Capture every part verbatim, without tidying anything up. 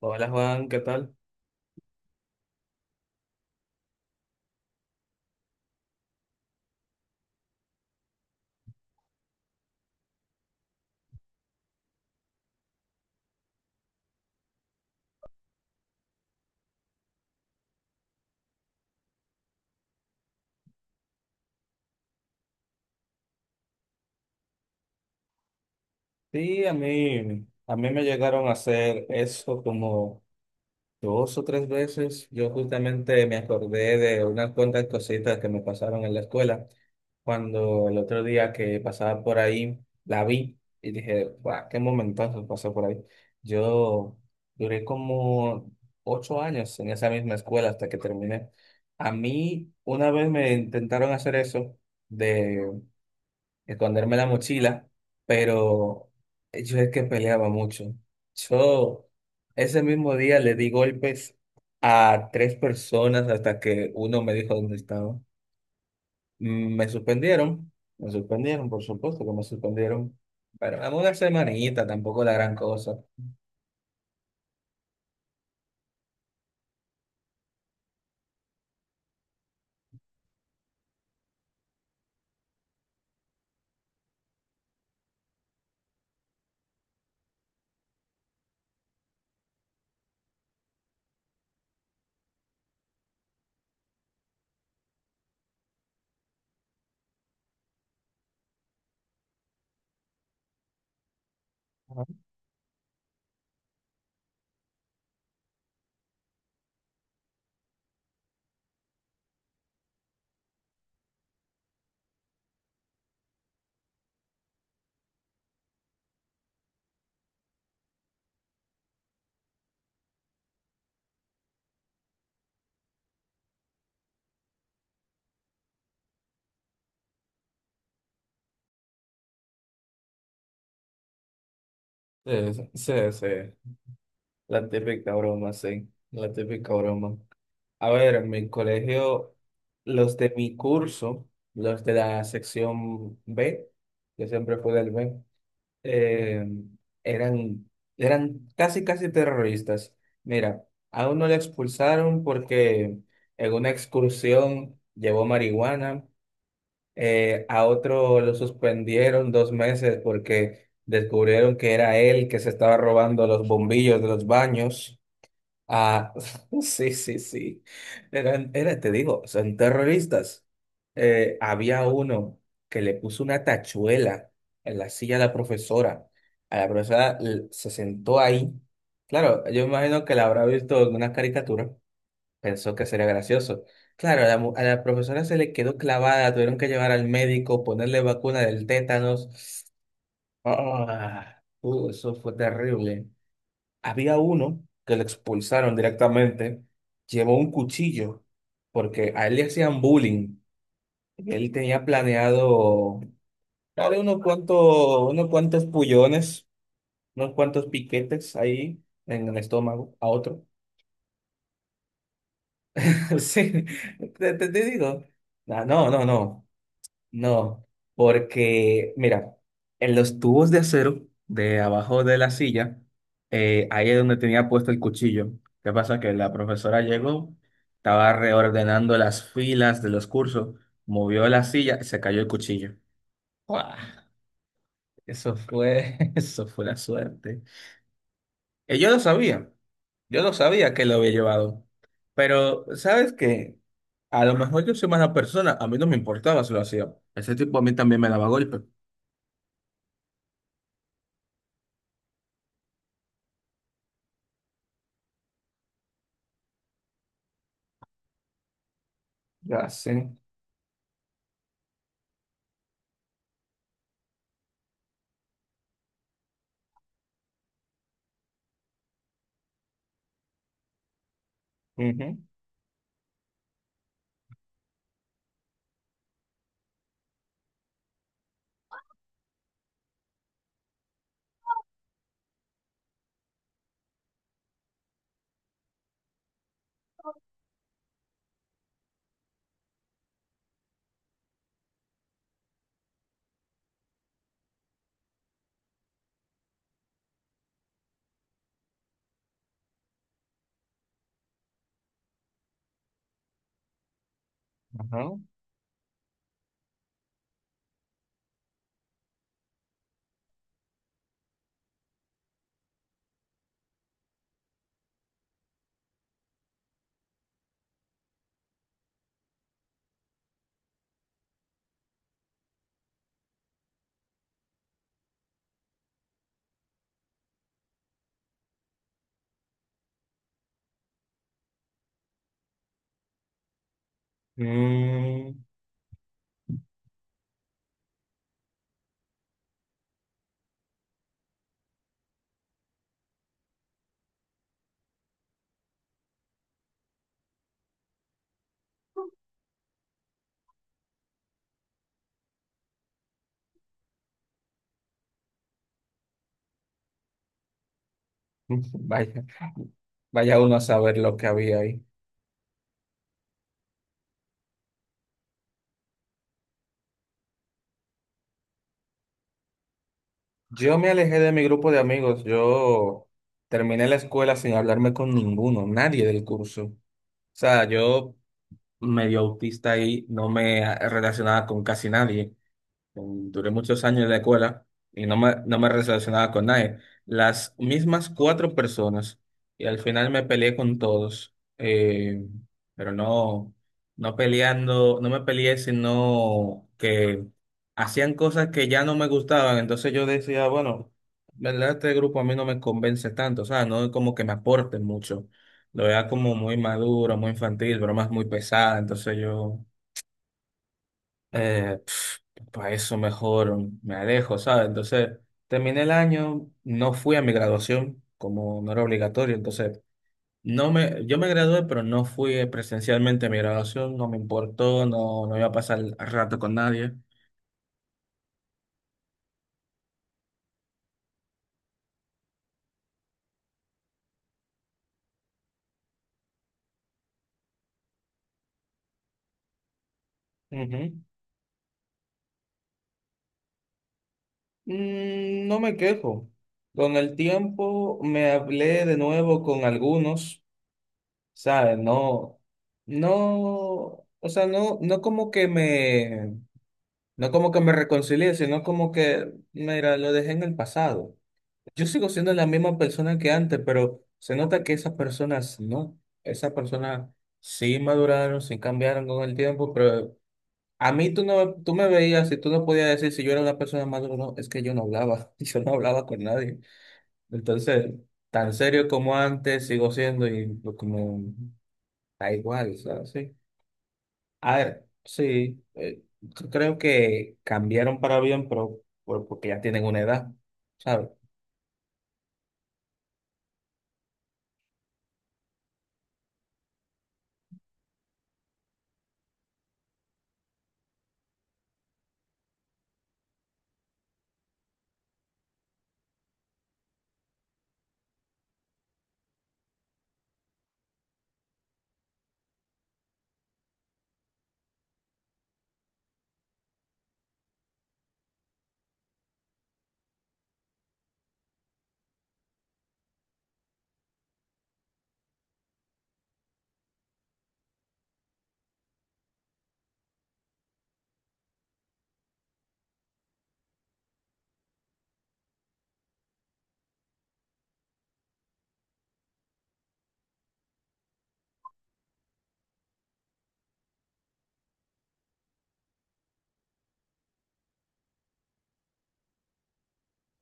Hola Juan, ¿qué tal? Sí, a mí, a mí me llegaron a hacer eso como dos o tres veces. Yo justamente me acordé de unas cuantas cositas que me pasaron en la escuela cuando el otro día que pasaba por ahí la vi y dije, guau, qué momentazo pasó por ahí. Yo duré como ocho años en esa misma escuela hasta que terminé. A mí una vez me intentaron hacer eso, esconderme la mochila, pero yo es que peleaba mucho. Yo ese mismo día le di golpes a tres personas hasta que uno me dijo dónde estaba. Mm, Me suspendieron, me suspendieron, por supuesto que me suspendieron, pero dame una semanita, tampoco la gran cosa. Ajá. Sí, sí, sí, sí. La típica broma, sí, la típica broma. A ver, en mi colegio, los de mi curso, los de la sección B, yo siempre fui del B, eh, eran, eran casi, casi terroristas. Mira, a uno le expulsaron porque en una excursión llevó marihuana. Eh, a otro lo suspendieron dos meses porque descubrieron que era él que se estaba robando los bombillos de los baños. Ah, sí, sí, sí. Eran, era, te digo, son terroristas. Eh, había uno que le puso una tachuela en la silla de la profesora. A la profesora l- se sentó ahí. Claro, yo imagino que la habrá visto en una caricatura. Pensó que sería gracioso. Claro, a la, mu- a la profesora se le quedó clavada, tuvieron que llevar al médico, ponerle vacuna del tétanos. Ah, uh, eso fue terrible. Había uno que le expulsaron directamente, llevó un cuchillo porque a él le hacían bullying. Él tenía planeado darle unos cuantos, unos cuantos pullones, unos cuantos piquetes ahí en el estómago a otro. Sí, te, te- te digo. Ah, no, no, no. No, porque mira, en los tubos de acero de abajo de la silla, eh, ahí es donde tenía puesto el cuchillo. ¿Qué pasa? Que la profesora llegó, estaba reordenando las filas de los cursos, movió la silla y se cayó el cuchillo. ¡Guau! Eso fue, eso fue la suerte. Y yo lo sabía, yo lo sabía que lo había llevado. Pero, ¿sabes qué? A lo mejor yo soy mala persona, a mí no me importaba si lo hacía. Ese tipo a mí también me daba golpe. Ya sé. Ujú, ajá. Mm, vaya, vaya uno a saber lo que había ahí. Yo me alejé de mi grupo de amigos. Yo terminé la escuela sin hablarme con ninguno, nadie del curso. O sea, yo medio autista ahí, no me relacionaba con casi nadie. Duré muchos años en la escuela y no me, no me relacionaba con nadie. Las mismas cuatro personas y al final me peleé con todos, eh, pero no, no peleando, no me peleé, sino que hacían cosas que ya no me gustaban. Entonces yo decía, bueno, ¿verdad? Este grupo a mí no me convence tanto, o sea, no es como que me aporten mucho. Lo veía como muy maduro, muy infantil, bromas muy pesadas. Entonces yo, eh, para eso mejor me alejo, ¿sabes? Entonces, terminé el año, no fui a mi graduación, como no era obligatorio. Entonces, no me, yo me gradué, pero no fui, eh, presencialmente, a mi graduación. No me importó, no, no iba a pasar rato con nadie. Ujú. Mm, no me quejo. Con el tiempo me hablé de nuevo con algunos, ¿sabes? No, no, o sea, no, no como que me no como que me reconcilié, sino como que, mira, lo dejé en el pasado. Yo sigo siendo la misma persona que antes, pero se nota que esas personas no. Esas personas sí maduraron, sí cambiaron con el tiempo, pero a mí tú no, tú me veías y tú no podías decir si yo era una persona madura o no. Es que yo no hablaba, yo no hablaba con nadie. Entonces, tan serio como antes sigo siendo y pues, como da igual, ¿sabes? Sí. A ver, sí, eh, yo creo que cambiaron para bien, pero por- porque ya tienen una edad, ¿sabes?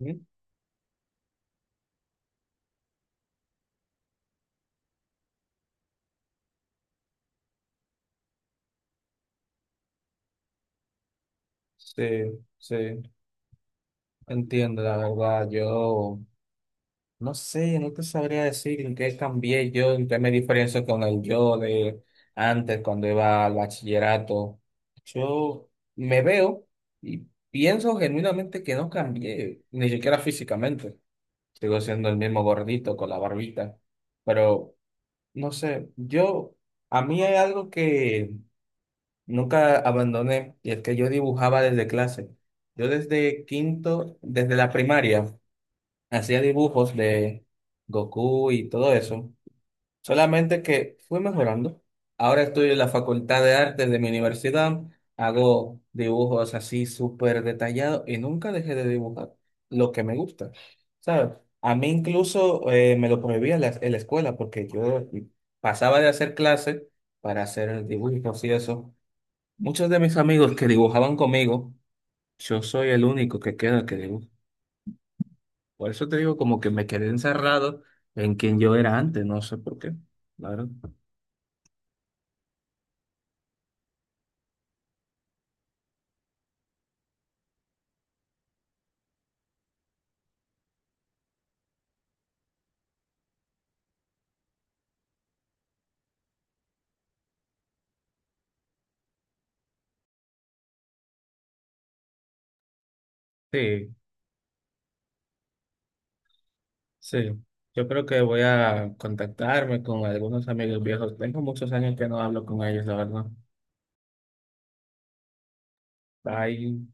¿Mm? Sí, sí, entiendo, la verdad. Yo no sé, no te sabría decir en qué cambié yo, en qué me diferencio con el yo de antes, cuando iba al bachillerato. Yo me veo y pienso genuinamente que no cambié, ni siquiera físicamente. Sigo siendo el mismo gordito con la barbita, pero no sé, yo, a mí hay algo que nunca abandoné, y es que yo dibujaba desde clase. Yo desde quinto, desde la primaria, hacía dibujos de Goku y todo eso. Solamente que fui mejorando. Ahora estoy en la Facultad de Artes de mi universidad. Hago dibujos así súper detallados y nunca dejé de dibujar lo que me gusta. ¿Sabes? A mí incluso, eh, me lo prohibía la, en la escuela, porque yo pasaba de hacer clases para hacer dibujos y eso. Muchos de mis amigos que dibujaban conmigo, yo soy el único que queda que dibuja. Por eso te digo, como que me quedé encerrado en quien yo era antes, no sé por qué. Claro. Sí. Sí, yo creo que voy a contactarme con algunos amigos viejos. Tengo muchos años que no hablo con ellos, la verdad. Bye.